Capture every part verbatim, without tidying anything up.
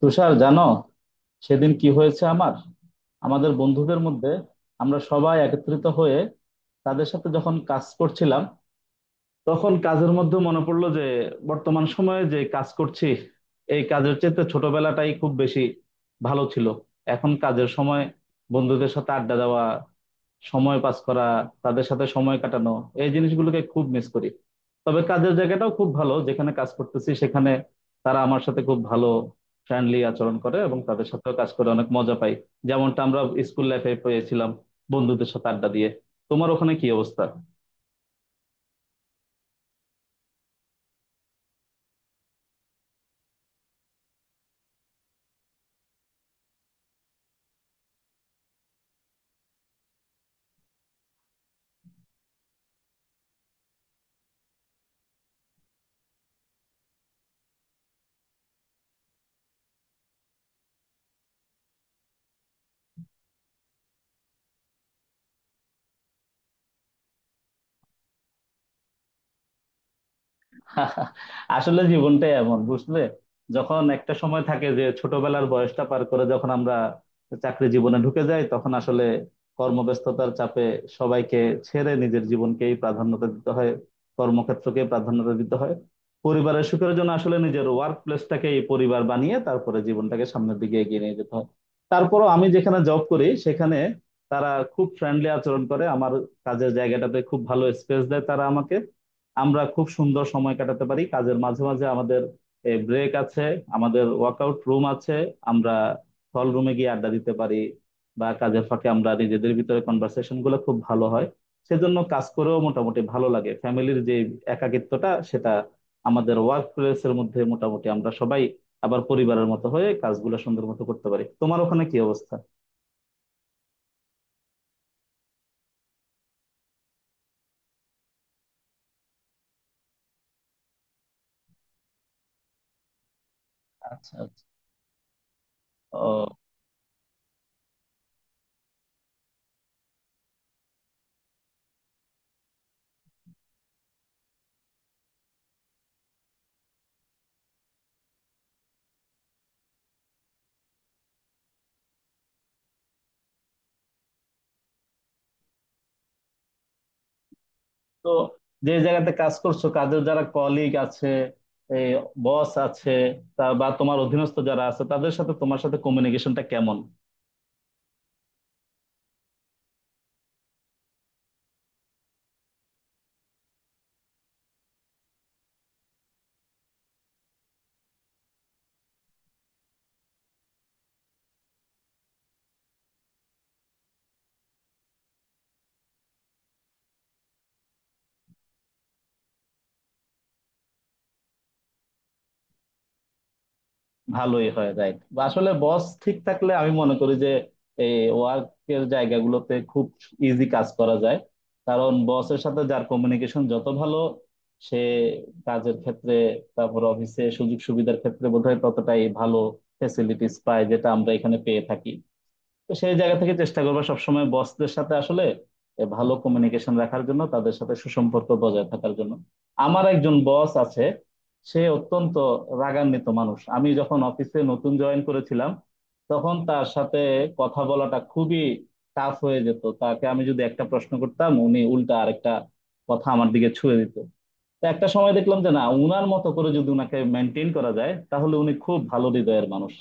তুষার, জানো সেদিন কি হয়েছে আমার? আমাদের বন্ধুদের মধ্যে আমরা সবাই একত্রিত হয়ে তাদের সাথে যখন কাজ করছিলাম, তখন কাজের মধ্যে মনে পড়লো যে বর্তমান সময়ে যে কাজ করছি এই কাজের চেয়ে ছোটবেলাটাই খুব বেশি ভালো ছিল। এখন কাজের সময় বন্ধুদের সাথে আড্ডা দেওয়া, সময় পাস করা, তাদের সাথে সময় কাটানো এই জিনিসগুলোকে খুব মিস করি। তবে কাজের জায়গাটাও খুব ভালো, যেখানে কাজ করতেছি সেখানে তারা আমার সাথে খুব ভালো ফ্রেন্ডলি আচরণ করে এবং তাদের সাথেও কাজ করে অনেক মজা পাই, যেমনটা আমরা স্কুল লাইফে পেয়েছিলাম বন্ধুদের সাথে আড্ডা দিয়ে। তোমার ওখানে কি অবস্থা? আসলে জীবনটাই এমন বুঝলে, যখন একটা সময় থাকে যে ছোটবেলার বয়সটা পার করে যখন আমরা চাকরি জীবনে ঢুকে যাই তখন আসলে কর্মব্যস্ততার চাপে সবাইকে ছেড়ে নিজের জীবনকেই প্রাধান্যতা দিতে হয়, কর্মক্ষেত্রকে প্রাধান্যতা দিতে হয়। পরিবারের সুখের জন্য আসলে নিজের ওয়ার্ক প্লেসটাকে পরিবার বানিয়ে তারপরে জীবনটাকে সামনের দিকে এগিয়ে নিয়ে যেতে হয়। তারপরও আমি যেখানে জব করি সেখানে তারা খুব ফ্রেন্ডলি আচরণ করে আমার। কাজের জায়গাটাতে খুব ভালো স্পেস দেয় তারা আমাকে। আমরা খুব সুন্দর সময় কাটাতে পারি, কাজের মাঝে মাঝে আমাদের ব্রেক আছে, আমাদের ওয়ার্কআউট রুম আছে, আমরা হল রুমে গিয়ে আড্ডা দিতে পারি, বা কাজের ফাঁকে আমরা নিজেদের ভিতরে কনভারসেশন গুলো খুব ভালো হয়। সেজন্য কাজ করেও মোটামুটি ভালো লাগে, ফ্যামিলির যে একাকিত্বটা সেটা আমাদের ওয়ার্ক প্লেসের মধ্যে মোটামুটি আমরা সবাই আবার পরিবারের মতো হয়ে কাজগুলো সুন্দর মতো করতে পারি। তোমার ওখানে কি অবস্থা? আচ্ছা, আচ্ছা। ও। তো যে জায়গাতে কাজ করছো, কাজের যারা কলিগ আছে, বস আছে, তা বা তোমার অধীনস্থ যারা আছে, তাদের সাথে তোমার সাথে কমিউনিকেশনটা কেমন? ভালোই হয়, রাইট। আসলে বস ঠিক থাকলে আমি মনে করি যে এই ওয়ার্কের জায়গাগুলোতে খুব ইজি কাজ করা যায়। কারণ বসের সাথে যার কমিউনিকেশন যত ভালো, সে কাজের ক্ষেত্রে, তারপর অফিসে সুযোগ সুবিধার ক্ষেত্রে বোধহয় ততটাই ভালো ফেসিলিটিস পায়, যেটা আমরা এখানে পেয়ে থাকি। তো সেই জায়গা থেকে চেষ্টা করবা সবসময় বসদের সাথে আসলে এ ভালো কমিউনিকেশন রাখার জন্য, তাদের সাথে সুসম্পর্ক বজায় থাকার জন্য। আমার একজন বস আছে, সে অত্যন্ত রাগান্বিত মানুষ। আমি যখন অফিসে নতুন জয়েন করেছিলাম তখন তার সাথে কথা বলাটা খুবই টাফ হয়ে যেত। তাকে আমি যদি একটা প্রশ্ন করতাম উনি উল্টা আরেকটা কথা আমার দিকে ছুঁড়ে দিত। তো একটা সময় দেখলাম যে না, উনার মতো করে যদি উনাকে মেনটেন করা যায় তাহলে উনি খুব ভালো হৃদয়ের মানুষ।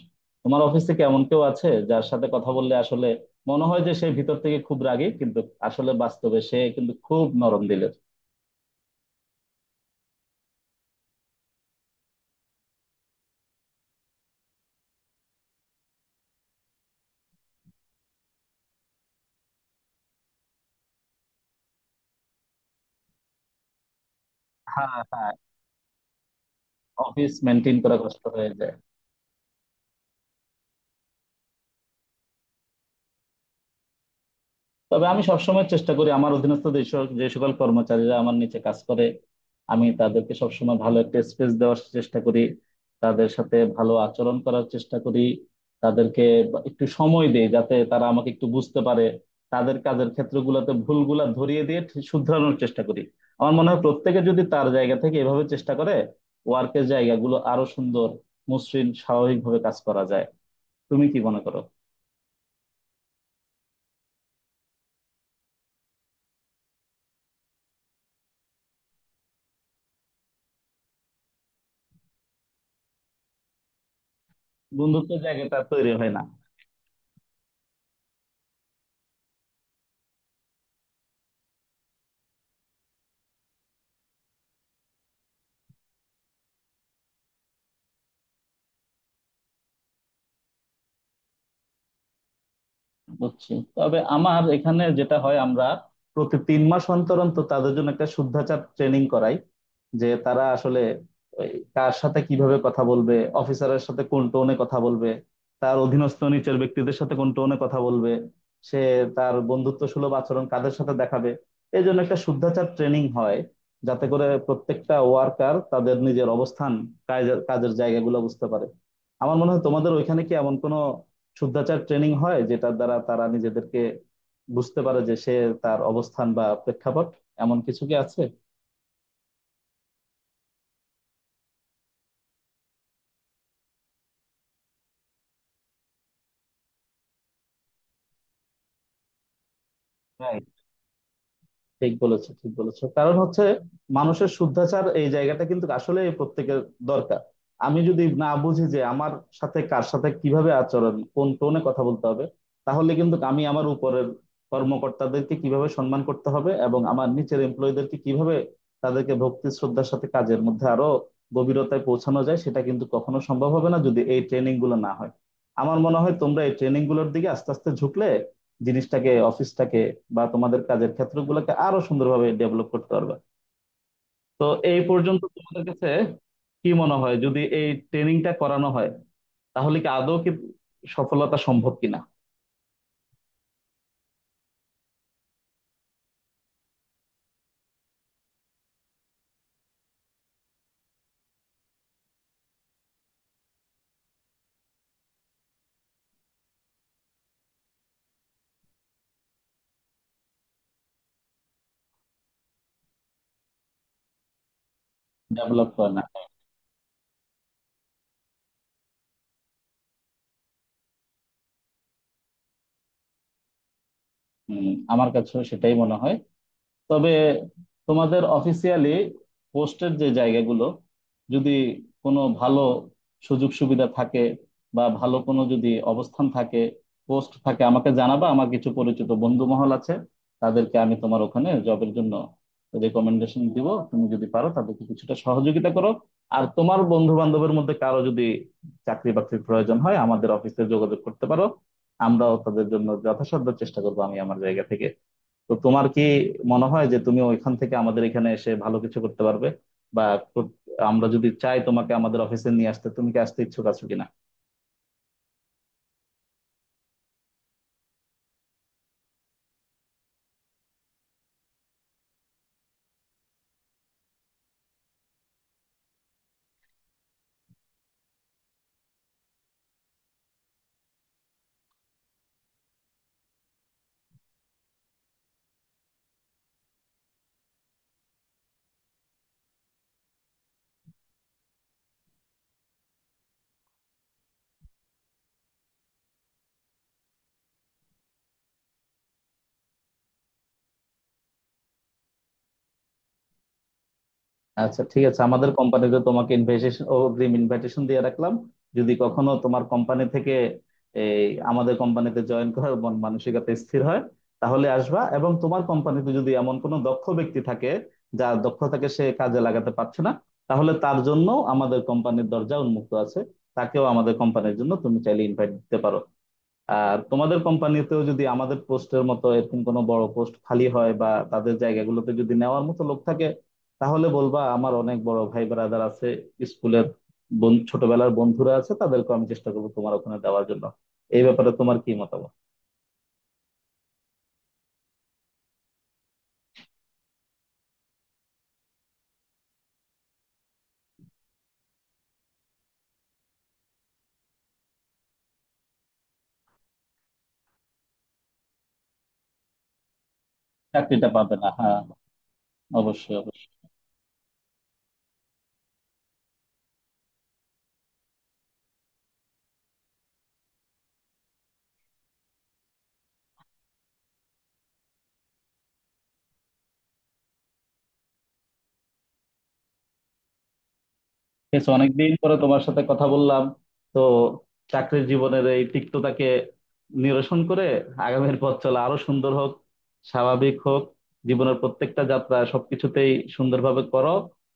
তোমার অফিসে কি এমন কেউ আছে যার সাথে কথা বললে আসলে মনে হয় যে সে ভিতর থেকে খুব রাগী, কিন্তু আসলে বাস্তবে সে কিন্তু খুব নরম দিলের? হ্যাঁ, হ্যাঁ। অফিস মেনটেন করা কষ্ট হয়ে যায়। তবে আমি সবসময় চেষ্টা করি আমার অধীনস্থ যে সক- যে সকল কর্মচারীরা আমার নিচে কাজ করে, আমি তাদেরকে সবসময় ভালো একটা স্পেস দেওয়ার চেষ্টা করি, তাদের সাথে ভালো আচরণ করার চেষ্টা করি। তাদেরকে বা- একটু সময় দেই যাতে তারা আমাকে একটু বুঝতে পারে, তাদের কাজের ক্ষেত্রগুলোতে ভুলগুলা ধরিয়ে দিয়ে ঠিক শুধরানোর চেষ্টা করি। আমার মনে হয় প্রত্যেকে যদি তার জায়গা থেকে এভাবে চেষ্টা করে, ওয়ার্কের জায়গাগুলো আরো সুন্দর মসৃণ স্বাভাবিকভাবে কাজ করা যায়। তুমি কি মনে করো? বন্ধুত্বের জায়গাটা তৈরি হয় না। বুঝছি। তবে আমার এখানে যেটা হয়, আমরা প্রতি তিন মাস অন্তর অন্তর তাদের জন্য একটা শুদ্ধাচার ট্রেনিং করাই, যে তারা আসলে ওই কার সাথে কিভাবে কথা বলবে, অফিসারের সাথে কোন টোনে কথা বলবে, তার অধীনস্থ নিচের ব্যক্তিদের সাথে কোন টোনে কথা বলবে, সে তার বন্ধুত্ব সুলভ আচরণ কাদের সাথে দেখাবে। এই জন্য একটা শুদ্ধাচার ট্রেনিং হয়, যাতে করে প্রত্যেকটা ওয়ার্কার তাদের নিজের অবস্থান, কাজের কাজের জায়গাগুলো বুঝতে পারে। আমার মনে হয় তোমাদের ওইখানে কি এমন কোনো শুদ্ধাচার ট্রেনিং হয় যেটার দ্বারা তারা নিজেদেরকে বুঝতে পারে যে সে তার অবস্থান বা প্রেক্ষাপট, এমন কিছু কি আছে? ঠিক বলেছো, ঠিক বলেছো। কারণ হচ্ছে মানুষের শুদ্ধাচার এই জায়গাটা কিন্তু আসলে প্রত্যেকের দরকার। আমি যদি না বুঝি যে আমার সাথে কার সাথে কিভাবে আচরণ, কোন টোনে কথা বলতে হবে, তাহলে কিন্তু আমি আমার উপরের কর্মকর্তাদেরকে কিভাবে সম্মান করতে হবে এবং আমার নিচের এমপ্লয়ীদেরকে কিভাবে তাদেরকে ভক্তি শ্রদ্ধার সাথে কাজের মধ্যে আরো গভীরতায় পৌঁছানো যায়, সেটা কিন্তু কখনো সম্ভব হবে না যদি এই ট্রেনিং গুলো না হয়। আমার মনে হয় তোমরা এই ট্রেনিং গুলোর দিকে আস্তে আস্তে ঝুঁকলে জিনিসটাকে, অফিসটাকে বা তোমাদের কাজের ক্ষেত্রগুলোকে আরো সুন্দরভাবে ডেভেলপ করতে পারবে। তো এই পর্যন্ত তোমাদের কাছে কি মনে হয় যদি এই ট্রেনিংটা করানো হয় তাহলে কি আদৌ কি সফলতা সম্ভব কিনা? ডেভেলপ করে না। হম। আমার কাছেও সেটাই মনে হয়। তবে তোমাদের অফিসিয়ালি পোস্টের যে জায়গাগুলো, যদি কোনো ভালো সুযোগ সুবিধা থাকে বা ভালো কোনো যদি অবস্থান থাকে, পোস্ট থাকে, আমাকে জানাবা। আমার কিছু পরিচিত বন্ধু মহল আছে, তাদেরকে আমি তোমার ওখানে জবের জন্য রেকমেন্ডেশন দিব। তুমি যদি পারো তাদেরকে কিছুটা সহযোগিতা করো। আর তোমার বন্ধু বান্ধবের মধ্যে কারো যদি চাকরি বাকরির প্রয়োজন হয় আমাদের অফিসে যোগাযোগ করতে পারো, আমরাও তাদের জন্য যথাসাধ্য চেষ্টা করবো আমি আমার জায়গা থেকে। তো তোমার কি মনে হয় যে তুমি ওইখান থেকে আমাদের এখানে এসে ভালো কিছু করতে পারবে, বা কর- আমরা যদি চাই তোমাকে আমাদের অফিসে নিয়ে আসতে তুমি কি আসতে ইচ্ছুক আছো কিনা? আচ্ছা, ঠিক আছে। আমাদের কোম্পানিতে তোমাকে ইনভাইটেশন, অগ্রিম ইনভাইটেশন দিয়ে রাখলাম। যদি কখনো তোমার কোম্পানি থেকে এই আমাদের কোম্পানিতে জয়েন করার মন মানসিকতা স্থির হয় তাহলে আসবা। এবং তোমার কোম্পানিতে যদি এমন কোনো দক্ষ ব্যক্তি থাকে যার দক্ষতাকে সে কাজে লাগাতে পারছে না, তাহলে তার জন্য আমাদের কোম্পানির দরজা উন্মুক্ত আছে, তাকেও আমাদের কোম্পানির জন্য তুমি চাইলে ইনভাইট দিতে পারো। আর তোমাদের কোম্পানিতেও যদি আমাদের পোস্টের মতো এরকম কোনো বড় পোস্ট খালি হয় বা তাদের জায়গাগুলোতে যদি নেওয়ার মতো লোক থাকে তাহলে বলবা। আমার অনেক বড় ভাই ব্রাদার আছে, স্কুলের বন- ছোটবেলার বন্ধুরা আছে, তাদেরকে আমি চেষ্টা করবো তোমার ওখানে দেওয়ার জন্য। এই ব্যাপারে তোমার কি মতামত? চাকরিটা পাবে না, হ্যাঁ। অবশ্যই। বেশ অনেকদিন পরে তোমার সাথে কথা বললাম। তো চাকরির জীবনের এই তিক্ততাকে নিরসন করে আগামীর পথ চলা আরো সুন্দর হোক, স্বাভাবিক হোক, জীবনের প্রত্যেকটা যাত্রা সবকিছুতেই সুন্দরভাবে করো।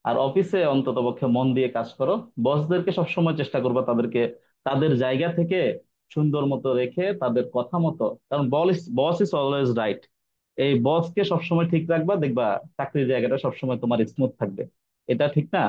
আর অফিসে অন্তত পক্ষে মন দিয়ে কাজ করো, বসদেরকে সবসময় চেষ্টা করবা তাদেরকে তাদের জায়গা থেকে সুন্দর মতো রেখে, তাদের কথা মতো। কারণ boss boss is always right. এই বসকে সবসময় ঠিক রাখবা, দেখবা চাকরির জায়গাটা সবসময় তোমার স্মুথ থাকবে। এটা ঠিক না?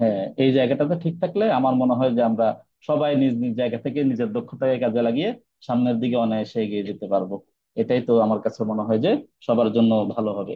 হ্যাঁ, এই জায়গাটাতে ঠিক থাকলে আমার মনে হয় যে আমরা সবাই নিজ নিজ জায়গা থেকে নিজের দক্ষতাকে কাজে লাগিয়ে সামনের দিকে অনায়াসে এগিয়ে যেতে পারবো। এটাই তো আমার কাছে মনে হয় যে সবার জন্য ভালো হবে।